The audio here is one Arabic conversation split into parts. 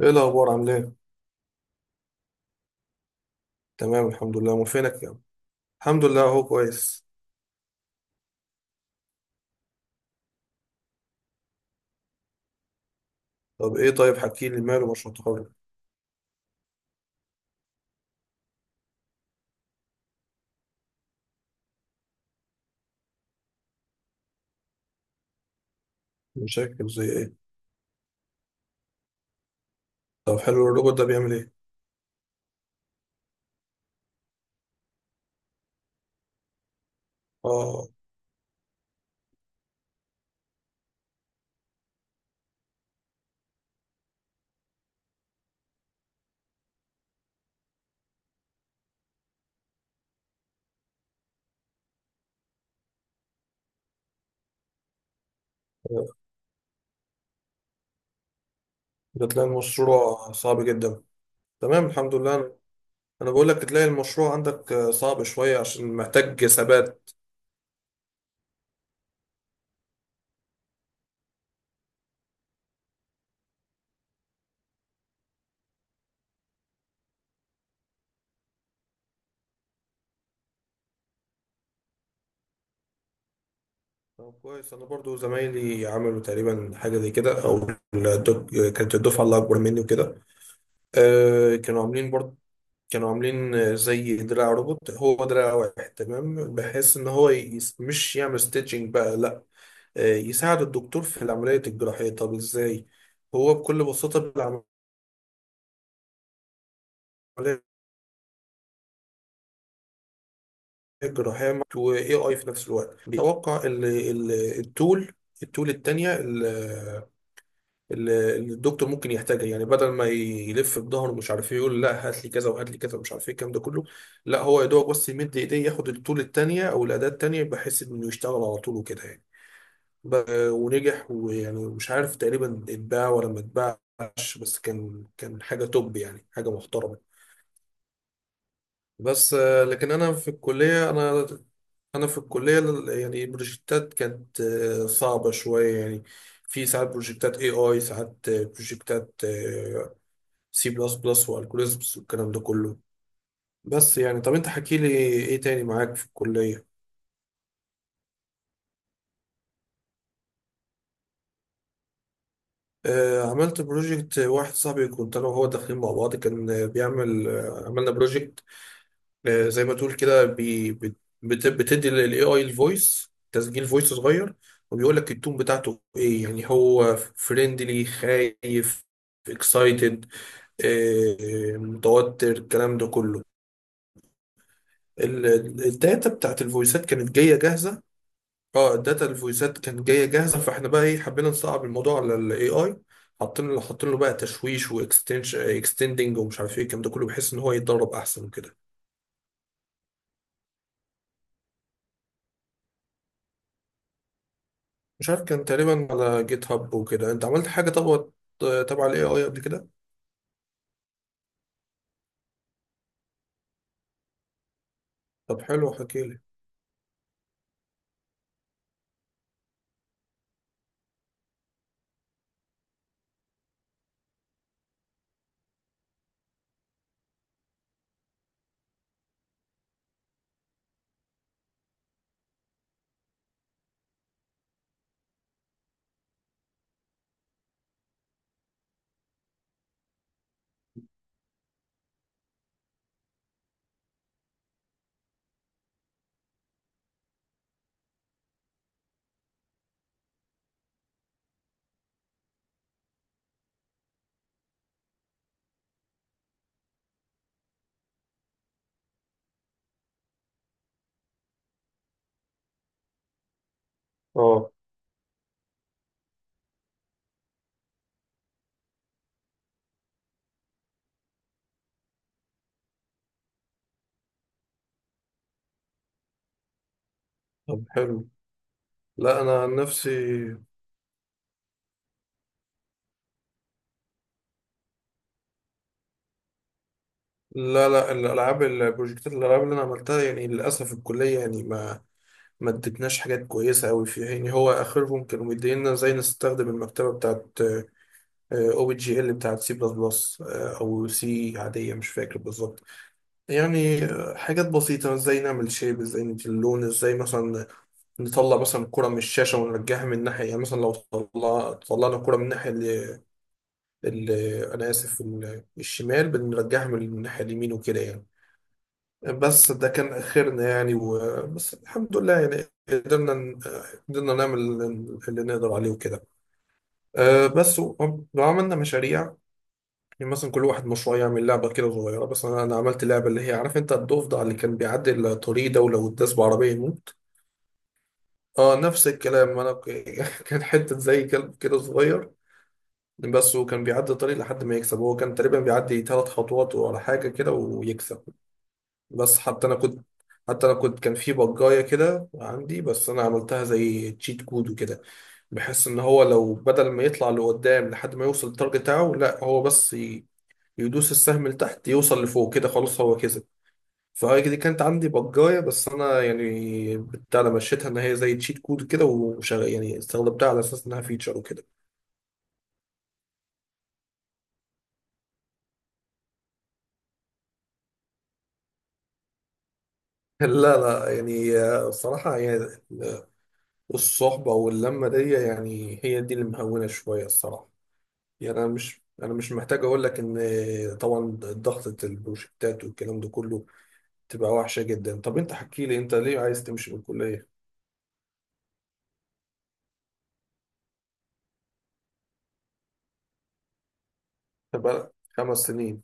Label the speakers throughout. Speaker 1: ايه الاخبار؟ عامل ايه؟ تمام الحمد لله، امال فينك يا عم؟ الحمد لله اهو كويس. طب ايه؟ طيب حكي لي، ماله مشروع التخرج؟ مشاكل زي ايه؟ طب حلو، الروبوت ده بيعمل ايه؟ اه، ده تلاقي المشروع صعب جدا. تمام الحمد لله، انا بقول لك تلاقي المشروع عندك صعب شويه عشان محتاج ثبات. طب كويس، انا برضو زمايلي عملوا تقريبا حاجه زي كده، او كانت الدفعه اللي اكبر مني وكده، كانوا عاملين برضو. كانوا عاملين زي دراع روبوت، هو دراع واحد تمام بحيث ان هو يس، مش يعمل ستيتشنج بقى لا، يساعد الدكتور في العملية الجراحية. طب ازاي؟ هو بكل بساطة بالعملية الجراحية و AI في نفس الوقت بيتوقع التول، التول التانية اللي الدكتور ممكن يحتاجها، يعني بدل ما يلف بظهره مش عارف ايه يقول لا هات لي كذا وهات لي كذا ومش عارف ايه الكلام ده كله. لا هو يا دوبك بس يمد ايديه ياخد الطول التانية او الاداة التانية بحيث انه يشتغل على طول وكده يعني. ونجح، ويعني مش عارف تقريبا اتباع ولا ما اتباعش، بس كان، كان حاجة توب يعني، حاجة محترمة. بس لكن انا في الكلية، انا في الكلية يعني البروجكتات كانت صعبة شوية يعني. في ساعات بروجكتات اي اي، ساعات بروجكتات سي بلس بلس والجوريزمز والكلام ده كله. بس يعني طب انت حكي لي ايه تاني معاك في الكلية؟ آه، عملت بروجكت واحد، صاحبي كنت انا وهو داخلين مع بعض، كان بيعمل آه، عملنا بروجكت آه زي ما تقول كده، بتدي للاي اي الفويس، تسجيل فويس صغير، وبيقول لك التون بتاعته ايه، يعني هو فريندلي، خايف، اكسايتد، متوتر، الكلام ده كله. ال- الداتا بتاعت الفويسات كانت جايه جاهزه. اه، الداتا الفويسات كانت جايه جاهزه، فاحنا بقى ايه حبينا نصعب الموضوع على الاي اي، حاطين له بقى تشويش واكستنشن اكستندنج ومش عارف ايه الكلام ده كله بحيث ان هو يتدرب احسن وكده. مش عارف، كان تقريبا على جيت هاب وكده. انت عملت حاجه طب تبع الاي اي قبل كده؟ طب حلو حكي لي. اه طب حلو. لا انا عن نفسي، لا لا، الالعاب، البروجكتات الالعاب اللي انا عملتها يعني للاسف الكليه يعني ما ادتناش حاجات كويسه قوي فيها، يعني هو اخرهم كانوا مدينا زي نستخدم المكتبه بتاعت او بي جي ال بتاعت سي بلس بلس او سي عاديه، مش فاكر بالظبط. يعني حاجات بسيطه، ازاي نعمل شيب، ازاي ندي اللون، ازاي مثلا نطلع مثلا الكرة من الشاشة ونرجعها من ناحية، يعني مثلا لو طلع طلعنا الكرة من الناحية ال... أنا آسف، الشمال، بنرجعها من الناحية اليمين وكده يعني. بس ده كان آخرنا يعني، بس الحمد لله يعني قدرنا نعمل اللي نقدر عليه وكده. أه بس لو عملنا مشاريع، يعني مثلا كل واحد مشروع يعمل لعبة كده صغيرة، بس أنا عملت لعبة اللي هي عارف أنت الضفدع اللي كان بيعدي الطريق ده ولو اتداس بعربية يموت. أه نفس الكلام. كان حتة زي كلب كده صغير، بس وكان بيعدي الطريق لحد ما يكسب، هو كان تقريبا بيعدي ثلاث خطوات ولا حاجة كده ويكسب. بس حتى أنا كنت حتى أنا كنت، كان في بجاية كده عندي، بس أنا عملتها زي تشيت كود وكده، بحيث إن هو لو بدل ما يطلع لقدام لحد ما يوصل للتارجت بتاعه، لا هو بس يدوس السهم لتحت يوصل لفوق كده خلاص هو كسب. فهي دي كانت عندي بجاية، بس انا يعني بتاع، أنا مشيتها ان هي زي تشيت كود كده وشغل، يعني استخدمتها على اساس انها فيتشر وكده. لا لا يعني، الصراحة يعني الصحبة واللمة دي يعني هي دي اللي مهونة شوية الصراحة. يعني أنا مش محتاج أقول لك إن طبعا ضغطة البروجكتات والكلام ده كله تبقى وحشة جدا. طب أنت حكي لي، أنت ليه عايز تمشي من الكلية؟ تبقى خمس سنين.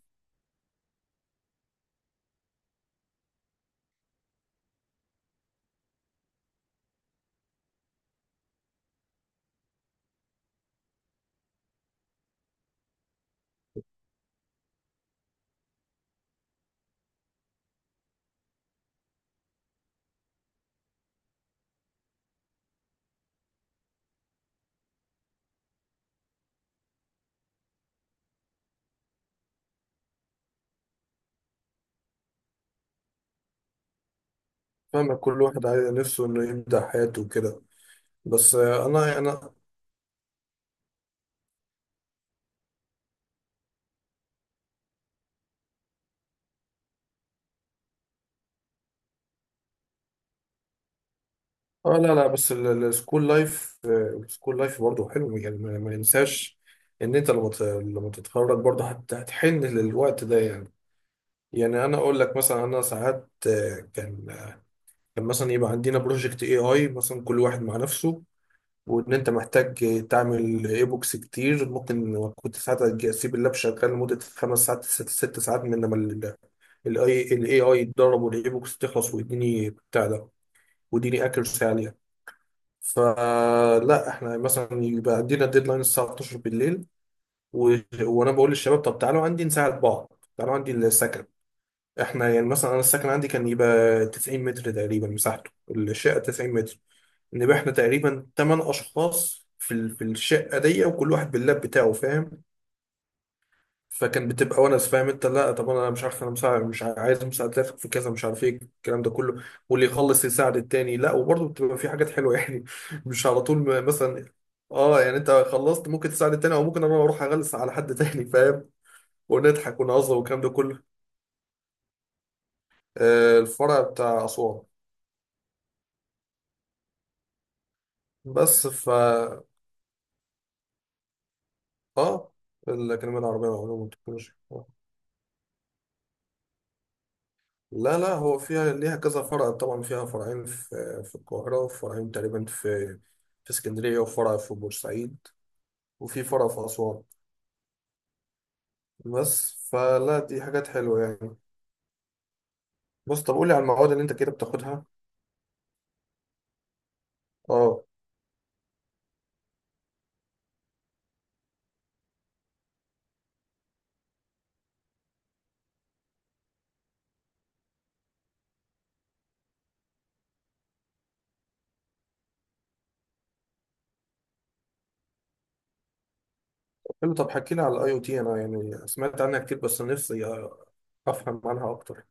Speaker 1: فاهمك، كل واحد نفسه انه يبدأ حياته وكده. بس انا يعني انا اه. لا لا، بس السكول لايف، السكول لايف برضه حلو يعني، ما ننساش ان انت لما لما تتخرج برضه هتحن للوقت ده يعني. يعني انا اقول لك مثلا، انا ساعات كان، كان مثلا يبقى عندنا بروجكت اي اي مثلا كل واحد مع نفسه، وان انت محتاج تعمل اي بوكس كتير، ممكن كنت ساعات اسيب اللاب شغال لمده خمس ساعات، ست ساعات، من لما الاي اي يتدرب والاي بوكس تخلص ويديني بتاع ده ويديني اكيرسي عاليه. فلا احنا مثلا يبقى عندنا ديدلاين الساعه 12 بالليل، و... وانا بقول للشباب طب تعالوا عندي نساعد بعض، تعالوا عندي السكن. احنا يعني مثلا انا السكن عندي كان يبقى 90 متر تقريبا مساحته، الشقه 90 متر. نبقى احنا تقريبا تمن اشخاص في الشقه دي، وكل واحد باللاب بتاعه فاهم، فكان بتبقى ونس فاهم انت. لا طب انا مش عارف انا مساعد، مش ع- عايز مساعدتك في كذا مش عارف ايه الكلام ده كله، واللي يخلص يساعد التاني، لا وبرضه بتبقى في حاجات حلوه يعني. مش على طول، مثلا اه، يعني انت خلصت ممكن تساعد التاني، او ممكن انا اروح اغلس على حد تاني فاهم، ونضحك ونهزر والكلام ده كله. آه، الفرع بتاع اسوان. بس ف اه، الاكاديميه العربيه للعلوم والتكنولوجيا. لا لا، هو فيها ليها كذا فرع طبعا، فيها فرعين في القاهرة، وفرعين تقريبا في في اسكندرية، وفرع في بورسعيد، وفي فرع في أسوان. بس فلا دي حاجات حلوة يعني. بص طب قولي على المواد اللي أنت كده بتاخدها. اه حلو. طب حكيلي على الأي أو تي، أنا يعني سمعت عنها كتير بس نفسي أفهم عنها أكتر.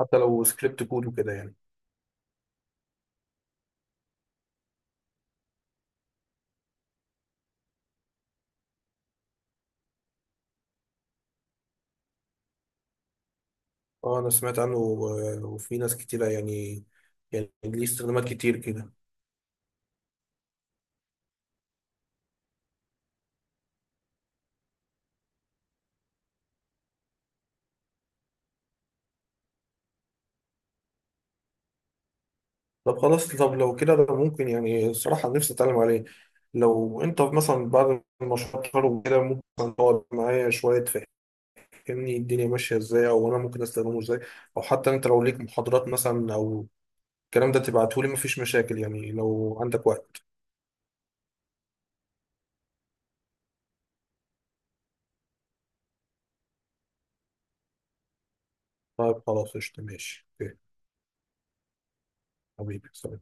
Speaker 1: حتى لو سكريبت كود وكده يعني. اه، أنا سمعت عنه وفي ناس كتيرة يعني، يعني ليه استخدامات كتير كده. طب خلاص، طب لو كده ده ممكن يعني الصراحة نفسي أتعلم عليه، لو أنت مثلا بعد المشروع التخرج وكده ممكن تقعد معايا شوية تفهمني الدنيا ماشية إزاي، أو أنا ممكن أستخدمه إزاي، أو حتى أنت لو ليك محاضرات مثلا أو الكلام ده تبعتهولي، مفيش مشاكل يعني لو عندك وقت. طيب خلاص قشطة، ماشي أوكي. حبيبي سلام.